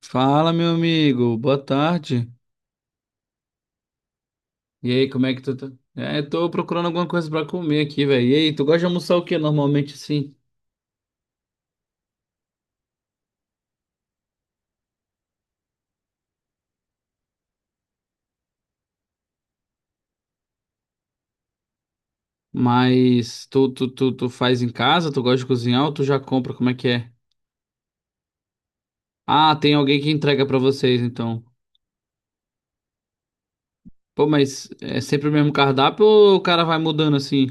Fala, meu amigo. Boa tarde. E aí, como é que tu tá? É, tô procurando alguma coisa pra comer aqui, velho. E aí, tu gosta de almoçar o quê normalmente assim? Mas tu faz em casa? Tu gosta de cozinhar ou tu já compra? Como é que é? Ah, tem alguém que entrega pra vocês, então. Pô, mas é sempre o mesmo cardápio ou o cara vai mudando assim?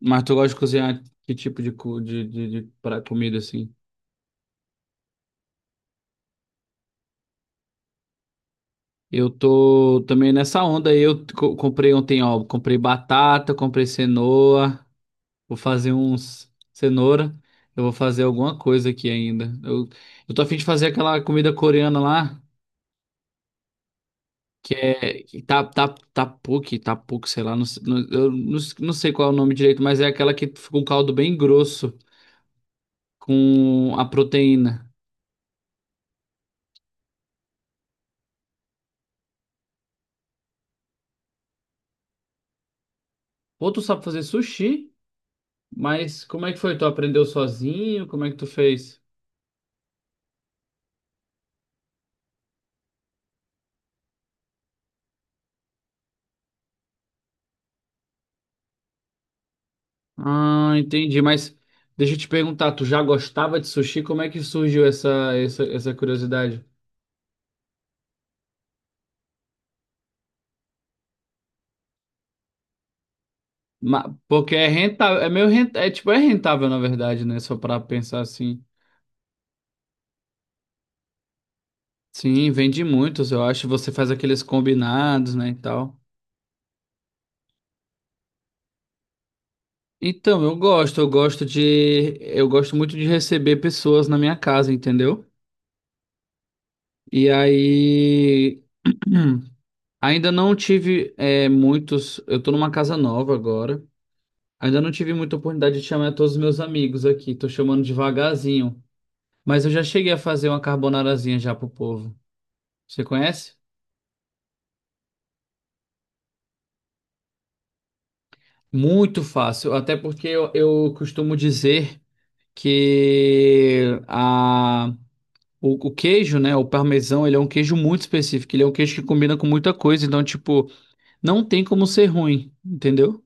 Mas tu gosta de cozinhar que tipo de, comida assim? Eu tô também nessa onda aí. Comprei ontem, ó. Comprei batata, comprei cenoura. Vou fazer uns cenoura. Eu vou fazer alguma coisa aqui ainda. Eu tô a fim de fazer aquela comida coreana lá, que é que sei lá, eu não sei qual é o nome direito, mas é aquela que fica um caldo bem grosso com a proteína. Ou tu sabe fazer sushi, mas como é que foi? Tu aprendeu sozinho? Como é que tu fez? Ah, entendi, mas deixa eu te perguntar, tu já gostava de sushi? Como é que surgiu essa curiosidade? Porque é rentável, é meio rentável, é tipo, é rentável na verdade, né? Só pra pensar assim. Sim, vende muitos, eu acho. Você faz aqueles combinados, né, e tal. Então, eu gosto, eu gosto muito de receber pessoas na minha casa, entendeu? E aí, ainda não tive muitos. Eu tô numa casa nova agora. Ainda não tive muita oportunidade de chamar todos os meus amigos aqui. Tô chamando devagarzinho, mas eu já cheguei a fazer uma carbonarazinha já pro povo. Você conhece? Muito fácil, até porque eu costumo dizer que a, o queijo, né, o parmesão, ele é um queijo muito específico, ele é um queijo que combina com muita coisa, então, tipo, não tem como ser ruim, entendeu?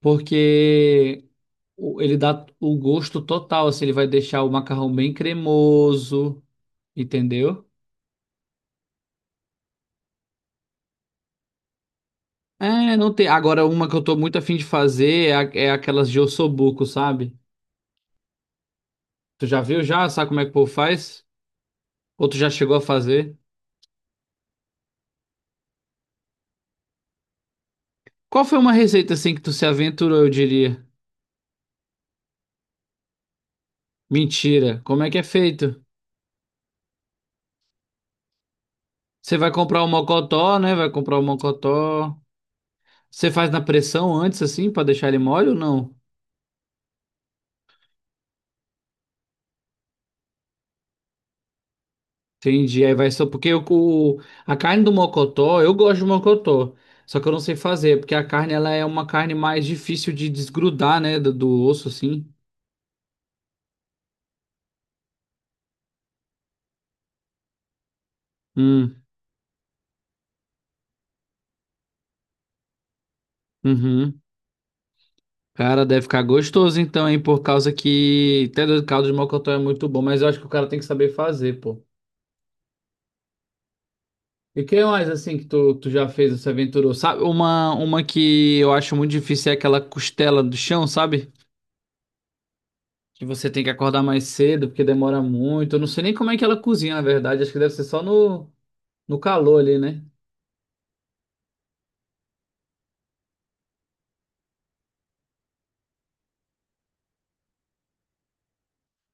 Porque ele dá o gosto total, assim, ele vai deixar o macarrão bem cremoso, entendeu? É, não tem. Agora, uma que eu tô muito afim de fazer é, é aquelas de ossobuco, sabe? Tu já viu já? Sabe como é que o povo faz? Ou tu já chegou a fazer? Qual foi uma receita assim que tu se aventurou, eu diria? Mentira. Como é que é feito? Você vai comprar o mocotó, né? Vai comprar o mocotó. Você faz na pressão antes, assim, pra deixar ele mole ou não? Entendi. Aí vai só porque a carne do mocotó, eu gosto de mocotó. Só que eu não sei fazer, porque a carne ela é uma carne mais difícil de desgrudar, né? Do osso, assim. Hum, uhum. Cara, deve ficar gostoso então, hein? Por causa que até do caldo de mocotó é muito bom, mas eu acho que o cara tem que saber fazer, pô. E que mais assim que tu já fez, se aventurou? Sabe, uma que eu acho muito difícil é aquela costela do chão, sabe? Que você tem que acordar mais cedo porque demora muito. Eu não sei nem como é que ela cozinha, na verdade. Acho que deve ser só no calor ali, né?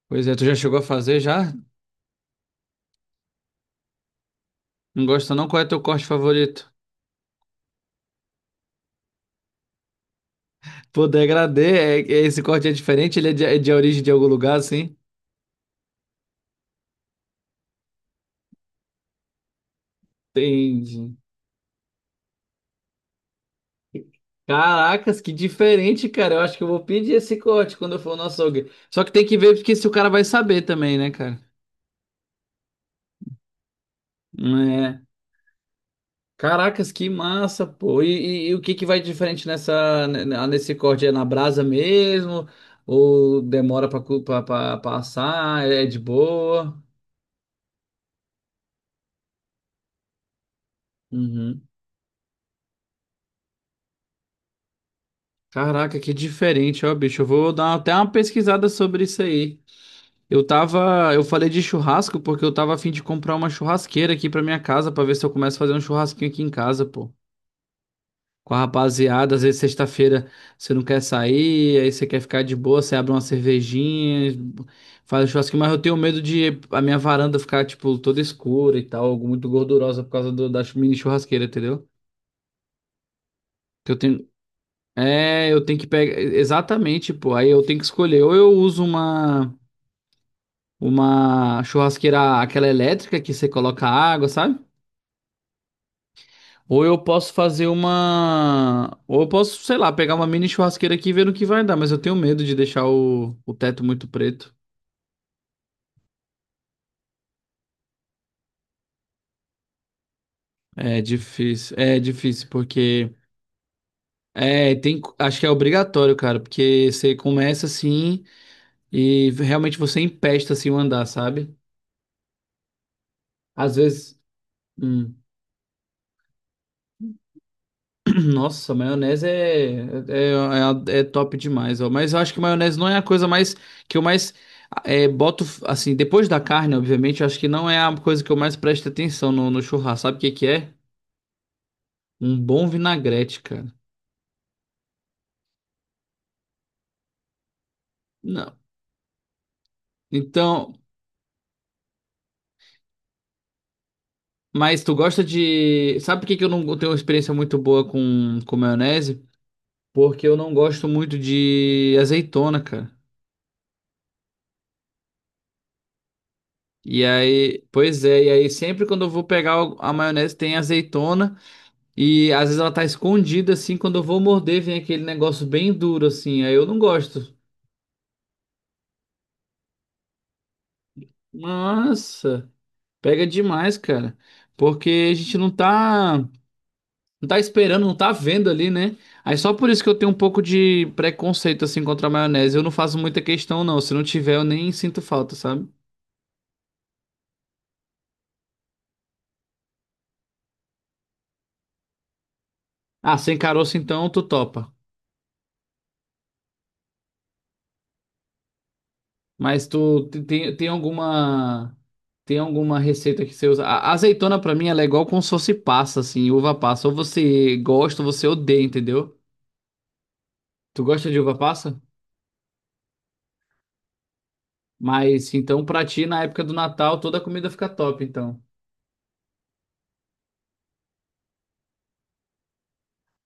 Pois é, tu já chegou a fazer já? Não gosta não? Qual é teu corte favorito? Pô, degradê, esse corte é diferente? Ele é de origem de algum lugar, assim? Entendi. Caracas, que diferente, cara. Eu acho que eu vou pedir esse corte quando eu for no açougue. Só que tem que ver porque se o cara vai saber também, né, cara? É. Caracas, que massa, pô. E o que que vai diferente nessa, nesse corte? É na brasa mesmo? Ou demora pra, pra passar? É é de boa? Uhum. Caraca, que diferente, ó, bicho. Eu vou dar até uma pesquisada sobre isso aí. Eu tava, eu falei de churrasco porque eu tava a fim de comprar uma churrasqueira aqui pra minha casa pra ver se eu começo a fazer um churrasquinho aqui em casa, pô. Com a rapaziada, às vezes sexta-feira você não quer sair, aí você quer ficar de boa, você abre uma cervejinha, faz um churrasquinho, mas eu tenho medo de a minha varanda ficar, tipo, toda escura e tal, muito gordurosa por causa da mini churrasqueira, entendeu? Que eu tenho, é, eu tenho que pegar, exatamente, pô, aí eu tenho que escolher, ou eu uso uma churrasqueira, aquela elétrica que você coloca água, sabe? Ou eu posso fazer uma. Ou eu posso, sei lá, pegar uma mini churrasqueira aqui e ver no que vai dar, mas eu tenho medo de deixar o teto muito preto. É difícil. É difícil, porque. É, tem. Acho que é obrigatório, cara, porque você começa assim e realmente você empesta assim o andar, sabe? Às vezes. Hum. Nossa, maionese é top demais, ó. Mas eu acho que maionese não é a coisa mais que eu mais boto, assim, depois da carne, obviamente, eu acho que não é a coisa que eu mais presto atenção no churrasco. Sabe o que que é? Um bom vinagrete, cara. Não. Então, mas tu gosta de. Sabe por que que eu não tenho uma experiência muito boa com maionese? Porque eu não gosto muito de azeitona, cara. E aí, pois é, e aí sempre quando eu vou pegar a maionese tem azeitona. E às vezes ela tá escondida assim, quando eu vou morder, vem aquele negócio bem duro assim. Aí eu não gosto. Nossa, pega demais, cara. Porque a gente não tá esperando, não tá vendo ali, né? Aí só por isso que eu tenho um pouco de preconceito assim contra a maionese. Eu não faço muita questão não, se não tiver eu nem sinto falta, sabe? Ah, sem caroço então tu topa. Mas tu tem alguma receita que você usa? A azeitona pra mim ela é igual como se fosse passa, assim, uva passa. Ou você gosta ou você odeia, entendeu? Tu gosta de uva passa? Mas então pra ti na época do Natal toda a comida fica top, então.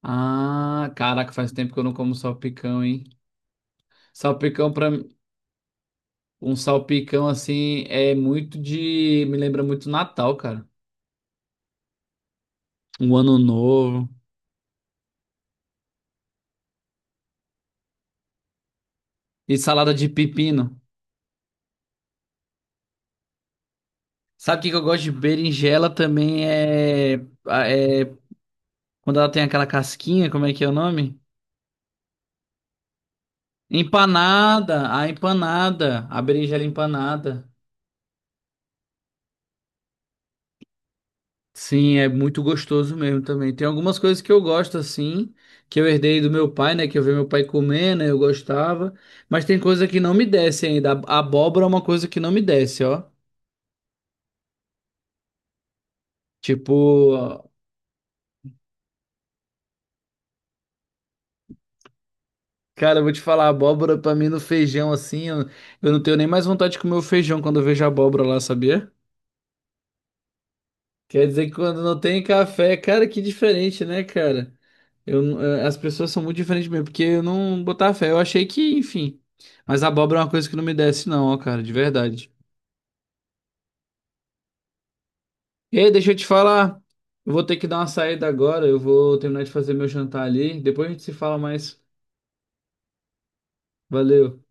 Ah, caraca, faz tempo que eu não como salpicão, hein? Salpicão pra mim, um salpicão assim é muito de me lembra muito Natal, cara. Um ano novo e salada de pepino. Sabe o que que eu gosto de berinjela também é, é quando ela tem aquela casquinha, como é que é o nome? Empanada, a empanada, a berinjela empanada. Sim, é muito gostoso mesmo também. Tem algumas coisas que eu gosto assim, que eu herdei do meu pai, né, que eu vi meu pai comer, né, eu gostava, mas tem coisa que não me desce ainda. A abóbora é uma coisa que não me desce, ó. Tipo, cara, eu vou te falar, abóbora pra mim no feijão assim, eu não tenho nem mais vontade de comer o feijão quando eu vejo abóbora lá, sabia? Quer dizer que quando não tem café, cara, que diferente, né, cara? Eu, n- as pessoas são muito diferentes mesmo, porque eu não botava fé. Eu achei que, enfim. Mas abóbora é uma coisa que não me desce, não, ó, cara, de verdade. Ei, deixa eu te falar. Eu vou ter que dar uma saída agora. Eu vou terminar de fazer meu jantar ali. Depois a gente se fala mais. Valeu.